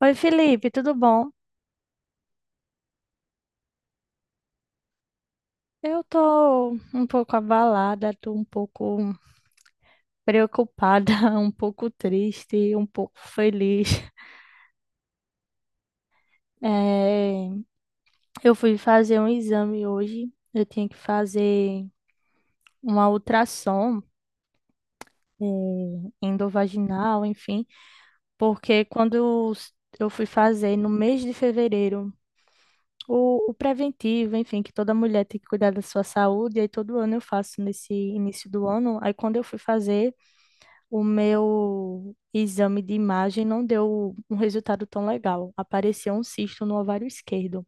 Oi, Felipe, tudo bom? Eu tô um pouco abalada, tô um pouco preocupada, um pouco triste, um pouco feliz. Eh, eu fui fazer um exame hoje, eu tinha que fazer uma ultrassom, eh, endovaginal, enfim, porque eu fui fazer no mês de fevereiro, o preventivo, enfim, que toda mulher tem que cuidar da sua saúde, aí todo ano eu faço nesse início do ano, aí quando eu fui fazer. O meu exame de imagem não deu um resultado tão legal. Apareceu um cisto no ovário esquerdo.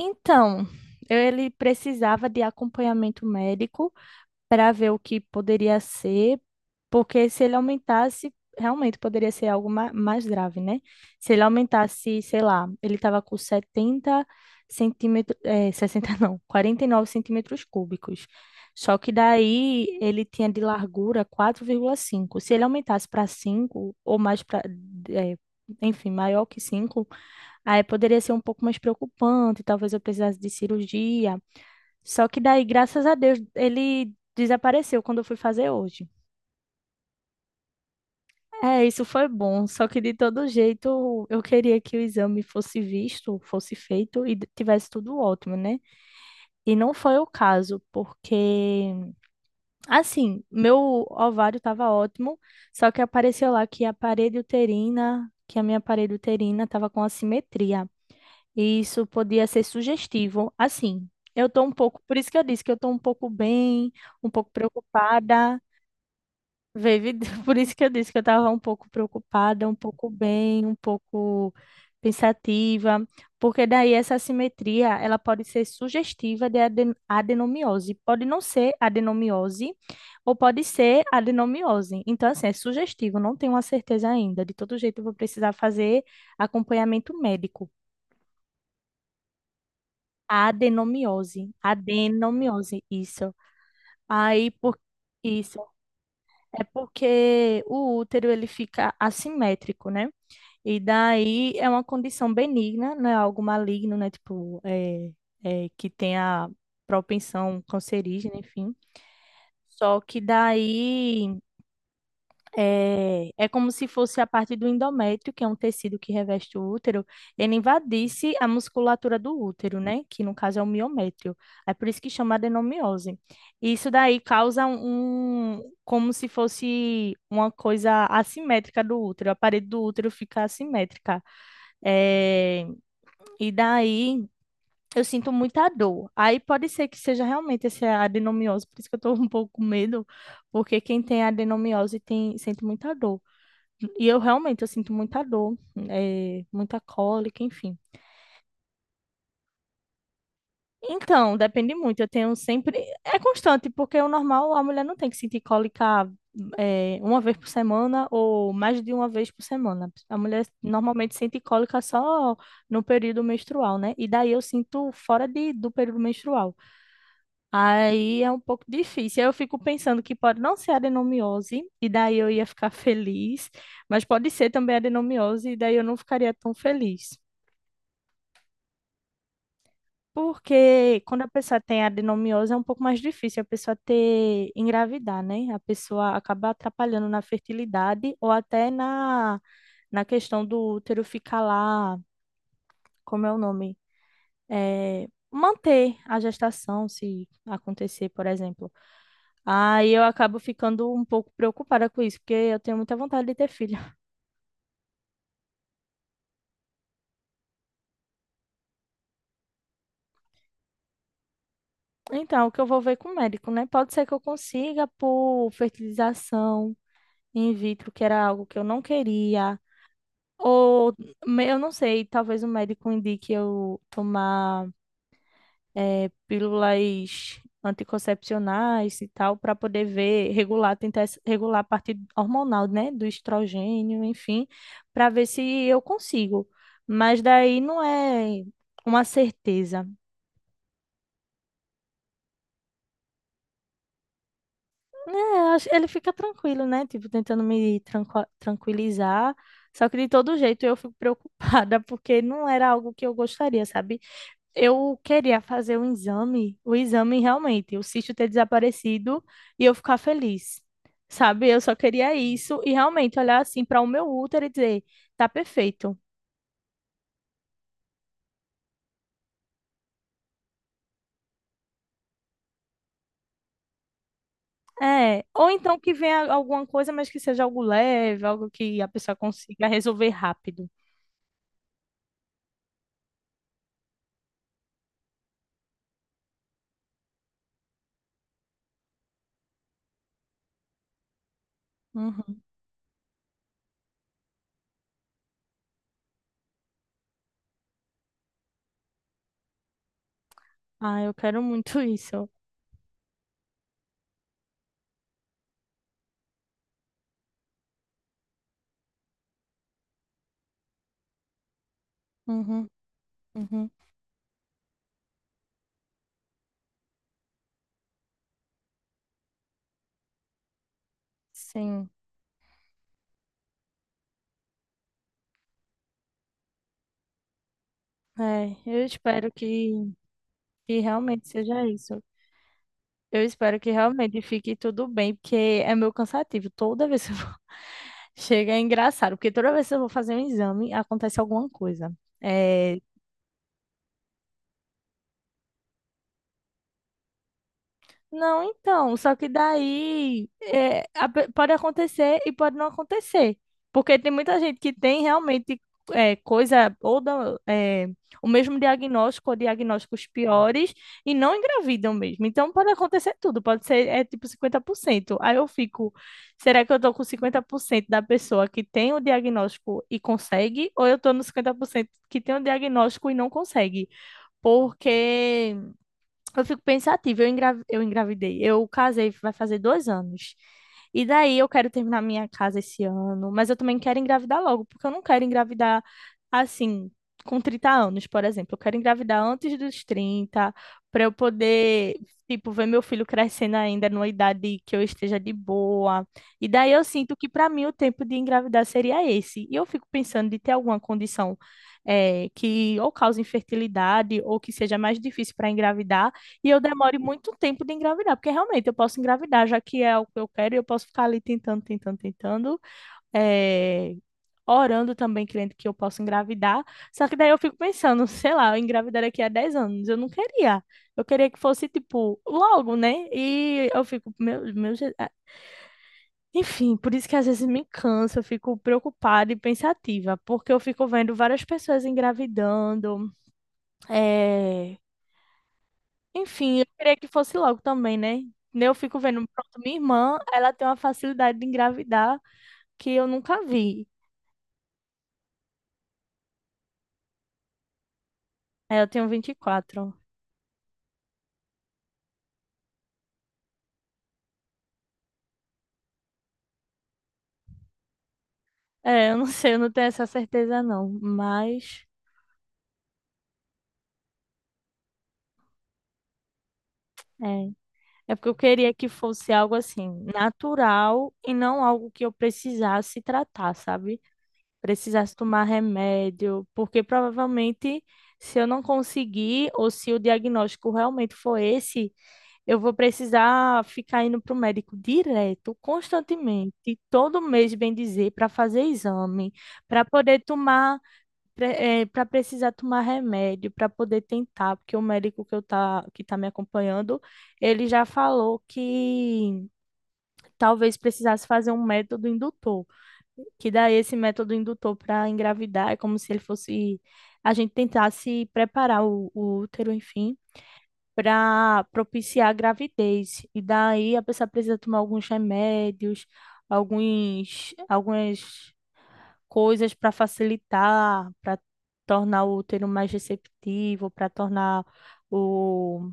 Então, ele precisava de acompanhamento médico, para ver o que poderia ser, porque se ele aumentasse, realmente poderia ser algo mais grave, né? Se ele aumentasse, sei lá, ele estava com 70 centímetros, é, 60 não, 49 centímetros cúbicos. Só que daí ele tinha de largura 4,5. Se ele aumentasse para 5 ou mais para, é, enfim, maior que 5, aí poderia ser um pouco mais preocupante, talvez eu precisasse de cirurgia. Só que daí, graças a Deus, ele desapareceu quando eu fui fazer hoje. É, isso foi bom, só que de todo jeito eu queria que o exame fosse visto, fosse feito e tivesse tudo ótimo, né? E não foi o caso, porque assim, meu ovário estava ótimo, só que apareceu lá que a parede uterina, que a minha parede uterina estava com assimetria. E isso podia ser sugestivo. Assim, eu tô um pouco, por isso que eu disse que eu tô um pouco bem, um pouco preocupada. Veio, por isso que eu disse que eu estava um pouco preocupada, um pouco bem, um pouco pensativa, porque daí essa assimetria, ela pode ser sugestiva de adenomiose, pode não ser adenomiose ou pode ser adenomiose. Então, assim, é sugestivo, não tenho uma certeza ainda. De todo jeito, eu vou precisar fazer acompanhamento médico. Adenomiose, adenomiose, isso. Aí, por isso, é porque o útero, ele fica assimétrico, né? E daí é uma condição benigna, não é algo maligno, né? Tipo, que tem a propensão cancerígena, enfim. Só que daí é como se fosse a parte do endométrio, que é um tecido que reveste o útero, ele invadisse a musculatura do útero, né? Que no caso é o miométrio. É por isso que chama adenomiose. E isso daí causa um, como se fosse uma coisa assimétrica do útero, a parede do útero fica assimétrica. É, e daí eu sinto muita dor. Aí pode ser que seja realmente essa adenomiose, por isso que eu tô um pouco com medo, porque quem tem adenomiose tem, sente muita dor. E eu realmente eu sinto muita dor, muita cólica, enfim. Então, depende muito. Eu tenho sempre. É constante, porque o normal a mulher não tem que sentir cólica uma vez por semana ou mais de uma vez por semana. A mulher normalmente sente cólica só no período menstrual, né? E daí eu sinto fora do período menstrual. Aí é um pouco difícil. Aí eu fico pensando que pode não ser adenomiose, e daí eu ia ficar feliz, mas pode ser também adenomiose, e daí eu não ficaria tão feliz. Porque quando a pessoa tem adenomiose é um pouco mais difícil a pessoa ter engravidar, né? A pessoa acaba atrapalhando na fertilidade ou até na, na questão do útero ficar lá, como é o nome? É, manter a gestação, se acontecer, por exemplo. Aí eu acabo ficando um pouco preocupada com isso, porque eu tenho muita vontade de ter filho. Então, o que eu vou ver com o médico, né? Pode ser que eu consiga por fertilização in vitro, que era algo que eu não queria. Ou, eu não sei, talvez o médico indique eu tomar pílulas anticoncepcionais e tal, para poder ver, regular, regular a parte hormonal, né, do estrogênio, enfim, para ver se eu consigo. Mas daí não é uma certeza. É, ele fica tranquilo, né, tipo, tentando me tranquilizar. Só que de todo jeito eu fico preocupada, porque não era algo que eu gostaria, sabe? Eu queria fazer um exame, o exame realmente, o cisto ter desaparecido e eu ficar feliz. Sabe? Eu só queria isso e realmente olhar assim para o meu útero e dizer, tá perfeito. É, ou então que venha alguma coisa, mas que seja algo leve, algo que a pessoa consiga resolver rápido. Uhum. Ah, eu quero muito isso. Uhum, uhum. Sim. É, eu espero que realmente seja isso. Eu espero que realmente fique tudo bem, porque é meu cansativo. Toda vez que eu vou... Chega, é engraçado, porque toda vez que eu vou fazer um exame, acontece alguma coisa. É, não, então, só que daí é, pode acontecer e pode não acontecer. Porque tem muita gente que tem realmente coisa, o mesmo diagnóstico, ou diagnósticos piores, e não engravidam mesmo. Então pode acontecer tudo, pode ser é, tipo 50%. Aí eu fico, será que eu tô com 50% da pessoa que tem o diagnóstico e consegue, ou eu tô no 50% que tem o diagnóstico e não consegue? Porque. Eu fico pensativa, eu, eu engravidei, eu casei, vai fazer 2 anos. E daí eu quero terminar minha casa esse ano, mas eu também quero engravidar logo, porque eu não quero engravidar assim, com 30 anos, por exemplo. Eu quero engravidar antes dos 30 para eu poder, tipo, ver meu filho crescendo ainda numa idade que eu esteja de boa. E daí eu sinto que para mim o tempo de engravidar seria esse. E eu fico pensando de ter alguma condição que ou cause infertilidade ou que seja mais difícil para engravidar e eu demore muito tempo de engravidar, porque realmente eu posso engravidar, já que é o que eu quero, e eu posso ficar ali tentando, tentando, tentando, eh, orando também, crendo que eu posso engravidar. Só que daí eu fico pensando, sei lá, eu engravidar daqui a 10 anos, eu não queria. Eu queria que fosse, tipo, logo, né? E eu fico, ah, enfim, por isso que às vezes me cansa, eu fico preocupada e pensativa, porque eu fico vendo várias pessoas engravidando, eh, enfim, eu queria que fosse logo também, né? Né, eu fico vendo, pronto, minha irmã, ela tem uma facilidade de engravidar que eu nunca vi. Aí eu tenho 24. É, eu não sei, eu não tenho essa certeza não, mas é, é porque eu queria que fosse algo assim, natural e não algo que eu precisasse tratar, sabe? Precisasse tomar remédio, porque provavelmente se eu não conseguir ou se o diagnóstico realmente for esse, eu vou precisar ficar indo para o médico direto, constantemente, todo mês, bem dizer, para fazer exame, para poder tomar, para precisar tomar remédio, para poder tentar, porque o médico que que está me acompanhando, ele já falou que talvez precisasse fazer um método indutor, que daí esse método indutor para engravidar é como se ele fosse, a gente tentasse preparar o útero, enfim, para propiciar a gravidez. E daí a pessoa precisa tomar alguns remédios, algumas coisas para facilitar, para tornar o útero mais receptivo, para tornar o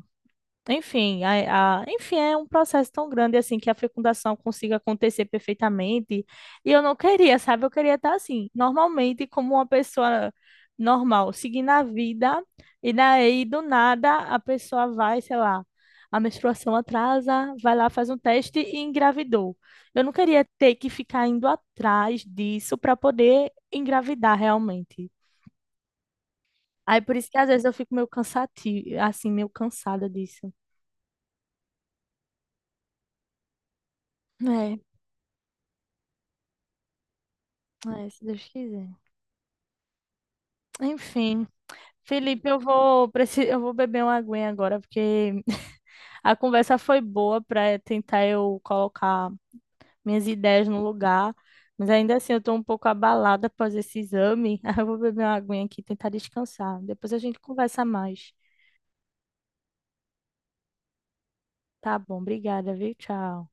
enfim, enfim, é um processo tão grande assim que a fecundação consiga acontecer perfeitamente. E eu não queria, sabe? Eu queria estar assim, normalmente, como uma pessoa normal, seguindo a vida, e daí do nada a pessoa vai, sei lá, a menstruação atrasa, vai lá, faz um teste e engravidou. Eu não queria ter que ficar indo atrás disso para poder engravidar realmente. Aí por isso que às vezes eu fico meio cansativo, assim, meio cansada disso. É. É, se Deus quiser. Enfim, Felipe, eu vou, eu vou beber uma aguinha agora, porque a conversa foi boa para tentar eu colocar minhas ideias no lugar, mas ainda assim eu estou um pouco abalada após esse exame. Aí eu vou beber uma aguinha aqui e tentar descansar. Depois a gente conversa mais. Tá bom, obrigada, viu? Tchau.